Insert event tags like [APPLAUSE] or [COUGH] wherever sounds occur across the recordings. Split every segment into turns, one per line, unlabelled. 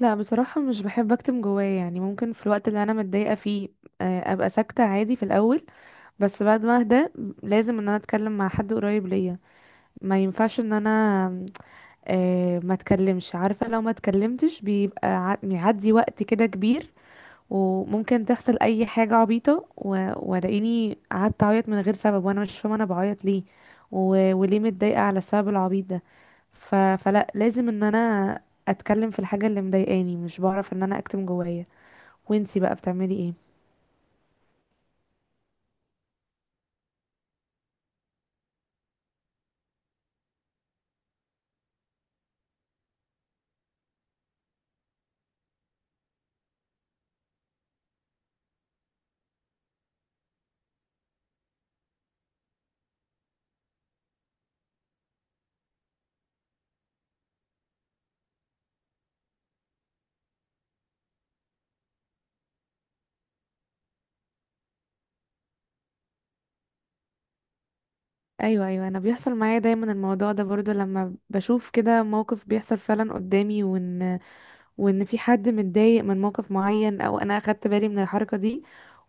لا، بصراحة مش بحب اكتم جوايا. يعني ممكن في الوقت اللي انا متضايقة فيه ابقى ساكتة عادي في الاول، بس بعد ما اهدى لازم ان انا اتكلم مع حد قريب ليا. ما ينفعش ان انا ما اتكلمش. عارفة لو ما اتكلمتش بيبقى بيعدي وقت كده كبير، وممكن تحصل اي حاجه عبيطه والاقيني قعدت اعيط من غير سبب وانا مش فاهمه انا بعيط ليه وليه متضايقه على السبب العبيط ده. فلا، لازم ان انا اتكلم في الحاجه اللي مضايقاني. مش بعرف ان انا اكتم جوايا. وانتي بقى بتعملي ايه؟ ايوه، ايوه، انا بيحصل معايا دايما الموضوع ده برضو. لما بشوف كده موقف بيحصل فعلا قدامي وان في حد متضايق من موقف معين او انا اخدت بالي من الحركه دي،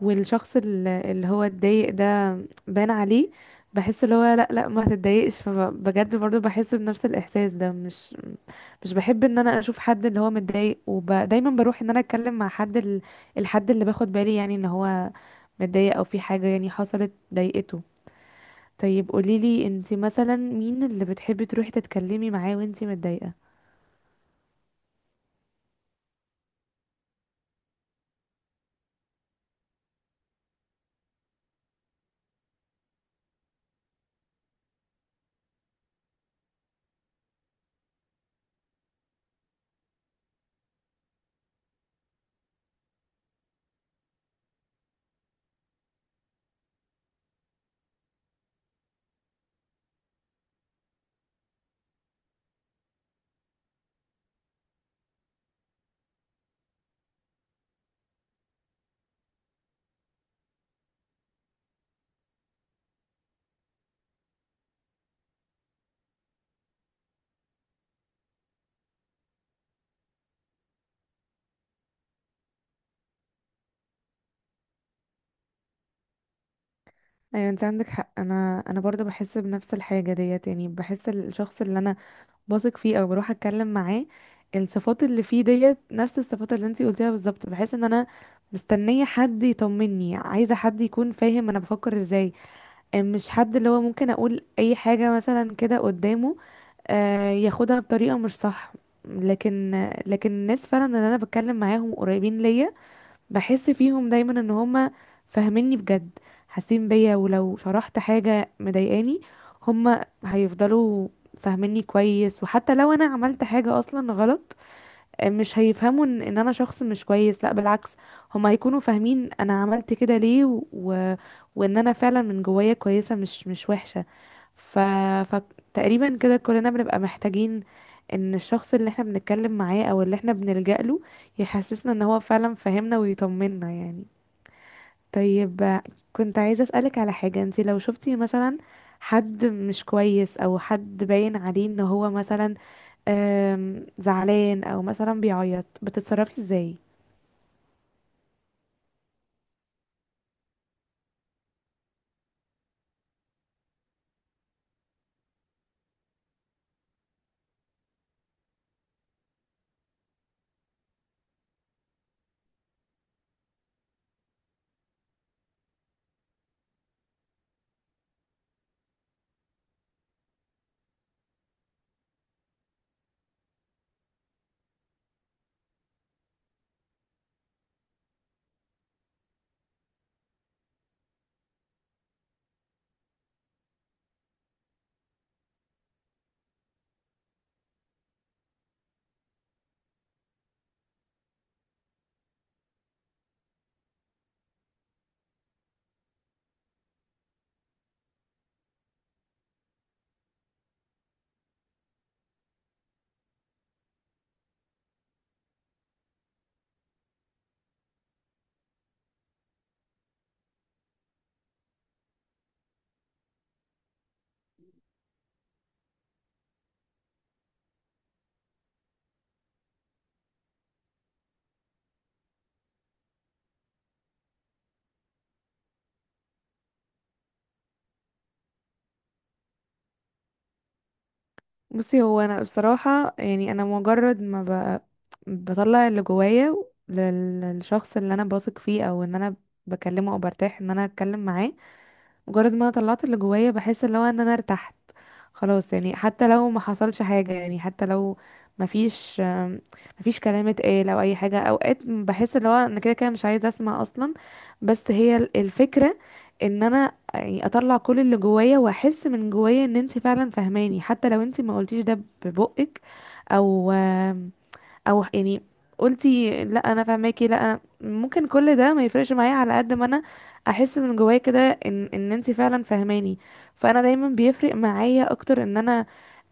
والشخص اللي هو اتضايق ده بان عليه، بحس اللي هو لا لا ما تتضايقش. فبجد برضو بحس بنفس الاحساس ده. مش بحب ان انا اشوف حد اللي هو متضايق، ودايما بروح ان انا اتكلم مع حد ال... الحد اللي باخد بالي يعني ان هو متضايق او في حاجة يعني حصلت ضايقته. طيب قوليلي انتي مثلا مين اللي بتحبي تروحي تتكلمي معاه وانتي متضايقة؟ ايوه، انت عندك حق. انا برضو بحس بنفس الحاجة ديت. يعني بحس الشخص اللي انا بثق فيه او بروح اتكلم معاه، الصفات اللي فيه ديت نفس الصفات اللي انتي قلتيها بالظبط، بحيث ان انا مستنيه حد يطمني، عايزه حد يكون فاهم انا بفكر ازاي. مش حد اللي هو ممكن اقول اي حاجه مثلا كده قدامه ياخدها بطريقه مش صح. لكن لكن الناس فعلا اللي انا بتكلم معاهم قريبين ليا، بحس فيهم دايما ان هما فاهميني بجد، حاسين بيا. ولو شرحت حاجة مضايقاني هما هيفضلوا فاهميني كويس. وحتى لو انا عملت حاجة اصلا غلط مش هيفهموا ان إن انا شخص مش كويس. لا بالعكس، هما هيكونوا فاهمين انا عملت كده ليه وان انا فعلا من جوايا كويسة، مش وحشة. ف... فتقريبا كده كلنا بنبقى محتاجين ان الشخص اللي احنا بنتكلم معاه او اللي احنا بنلجأ له يحسسنا ان هو فعلا فاهمنا ويطمنا يعني. طيب، كنت عايزة أسألك على حاجة. انتي لو شفتي مثلا حد مش كويس او حد باين عليه ان هو مثلا زعلان او مثلا بيعيط، بتتصرفي ازاي؟ بصي، هو انا بصراحة يعني انا مجرد ما بطلع اللي جوايا للشخص اللي انا بثق فيه او ان انا بكلمه او برتاح ان انا اتكلم معاه، مجرد ما انا طلعت اللي جوايا بحس اللي هو ان انا ارتحت خلاص. يعني حتى لو ما حصلش حاجة، يعني حتى لو ما فيش كلام اتقال او اي حاجة، اوقات بحس اللي هو انا كده كده مش عايزة اسمع اصلا. بس هي الفكرة ان انا يعني اطلع كل اللي جوايا، واحس من جوايا ان انت فعلا فهماني حتى لو انت ما قلتيش ده ببقك، او او يعني قلتي لا انا فاهماكي. لا أنا ممكن كل ده ما يفرقش معايا على قد ما انا احس من جوايا كده ان ان انتي فعلا فاهماني. فانا دايما بيفرق معايا اكتر ان انا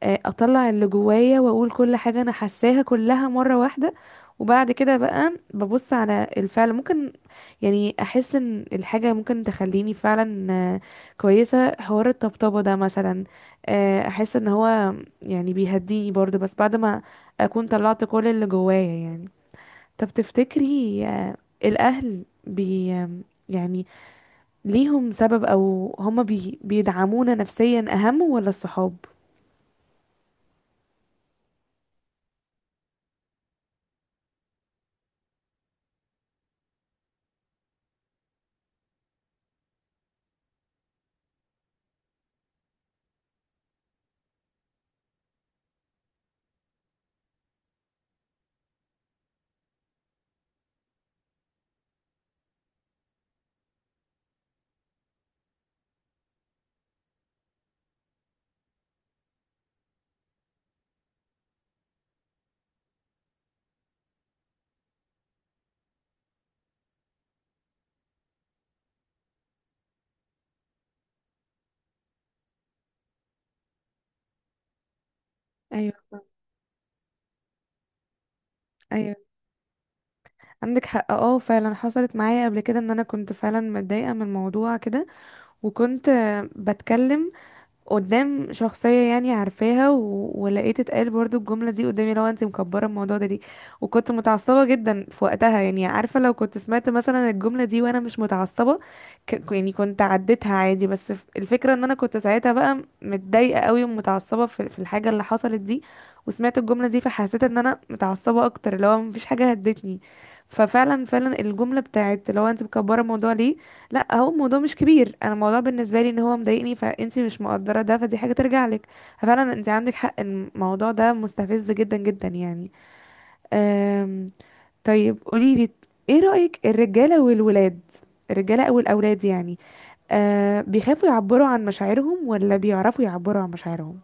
اطلع اللي جوايا واقول كل حاجة انا حاساها كلها مرة واحدة. وبعد كده بقى ببص على الفعل. ممكن يعني احس ان الحاجة ممكن تخليني فعلا كويسة. حوار الطبطبة ده مثلا، احس ان هو يعني بيهديني برضه، بس بعد ما اكون طلعت كل اللي جوايا يعني. طب تفتكري الاهل بي آم، يعني ليهم سبب او هما بيدعمونا نفسيا اهم ولا الصحاب؟ ايوه، ايوه، عندك حق. اه فعلا حصلت معايا قبل كده ان انا كنت فعلا متضايقه من موضوع كده، وكنت بتكلم قدام شخصية يعني عارفاها، ولقيت اتقال برضو الجملة دي قدامي، لو انت مكبرة الموضوع ده ليه. وكنت متعصبة جدا في وقتها، يعني عارفة لو كنت سمعت مثلا الجملة دي وانا مش متعصبة يعني كنت عديتها عادي، بس الفكرة ان انا كنت ساعتها بقى متضايقة قوي ومتعصبة في الحاجة اللي حصلت دي، وسمعت الجملة دي فحسيت ان انا متعصبة اكتر. لو مفيش حاجة هدتني ففعلا فعلا الجملة بتاعت لو انت مكبرة الموضوع ليه، لا هو الموضوع مش كبير. انا الموضوع بالنسبه لي ان هو مضايقني، فانتي مش مقدره ده، فدي حاجه ترجع لك. ففعلا انت عندك حق، إن الموضوع ده مستفز جدا جدا يعني. أم... طيب قولي لي، ايه رايك الرجاله والولاد، الرجاله او الاولاد يعني، أه بيخافوا يعبروا عن مشاعرهم ولا بيعرفوا يعبروا عن مشاعرهم؟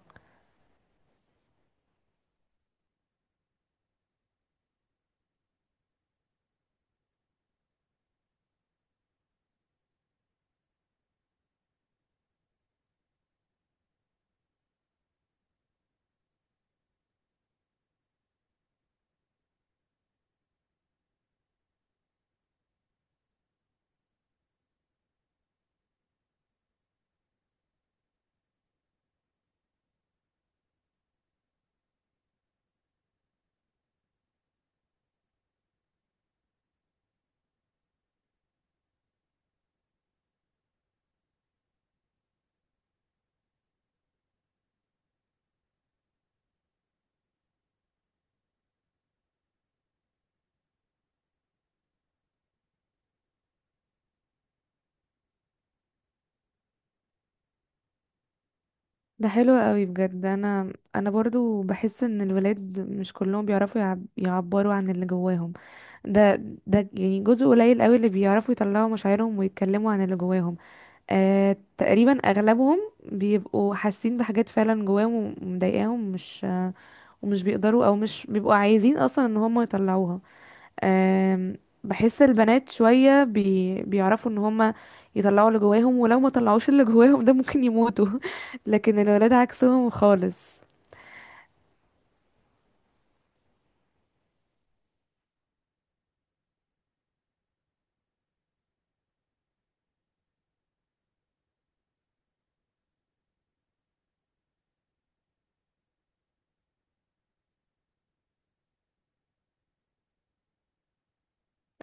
ده حلو قوي بجد. انا برضو بحس ان الولاد مش كلهم بيعرفوا يعبروا عن اللي جواهم. ده ده يعني جزء قليل قوي اللي بيعرفوا يطلعوا مشاعرهم ويتكلموا عن اللي جواهم. آه، تقريبا اغلبهم بيبقوا حاسين بحاجات فعلا جواهم ومضايقاهم، مش ومش بيقدروا او مش بيبقوا عايزين اصلا ان هم يطلعوها. آه، بحس البنات شوية بيعرفوا ان هم يطلعوا اللي جواهم، ولو ما طلعوش اللي جواهم ده ممكن يموتوا. [LAUGHS] لكن الولاد عكسهم خالص.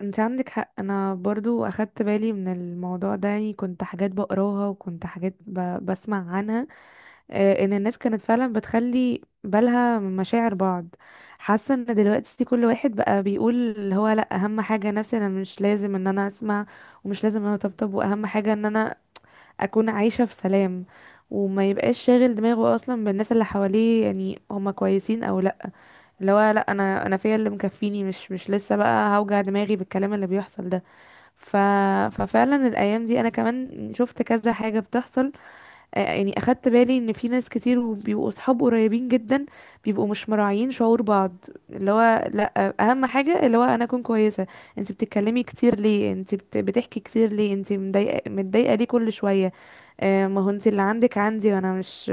انت عندك حق، انا برضو اخدت بالي من الموضوع ده. يعني كنت حاجات بقراها وكنت حاجات بسمع عنها، آه، ان الناس كانت فعلا بتخلي بالها من مشاعر بعض. حاسه ان دلوقتي كل واحد بقى بيقول اللي هو لا اهم حاجه نفسي انا، مش لازم ان انا اسمع ومش لازم ان انا اطبطب، واهم حاجه ان انا اكون عايشه في سلام، وما يبقاش شاغل دماغه اصلا بالناس اللي حواليه يعني هما كويسين او لا. اللي هو لا انا فيا اللي مكفيني، مش لسه بقى هوجع دماغي بالكلام اللي بيحصل ده. ف... ففعلا الايام دي انا كمان شفت كذا حاجه بتحصل. يعني اخدت بالي ان في ناس كتير بيبقوا اصحاب قريبين جدا بيبقوا مش مراعيين شعور بعض. اللي هو لا اهم حاجه اللي هو انا اكون كويسه. انت بتتكلمي كتير ليه؟ انت بتحكي كتير ليه؟ انت مضايقه، متضايقه ليه كل شويه؟ ما هو انت اللي عندك عندي وانا مش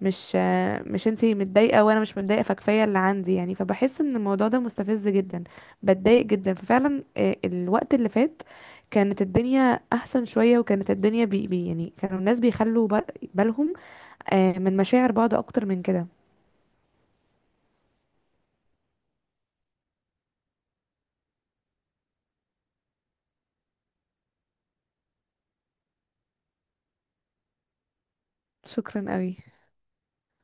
مش انت متضايقه وانا مش متضايقه، فكفايه اللي عندي يعني. فبحس ان الموضوع ده مستفز جدا، بتضايق جدا. ففعلا الوقت اللي فات كانت الدنيا احسن شويه، وكانت الدنيا بي بي يعني كانوا الناس بيخلوا بالهم من مشاعر بعض اكتر من كده. شكرا قوي.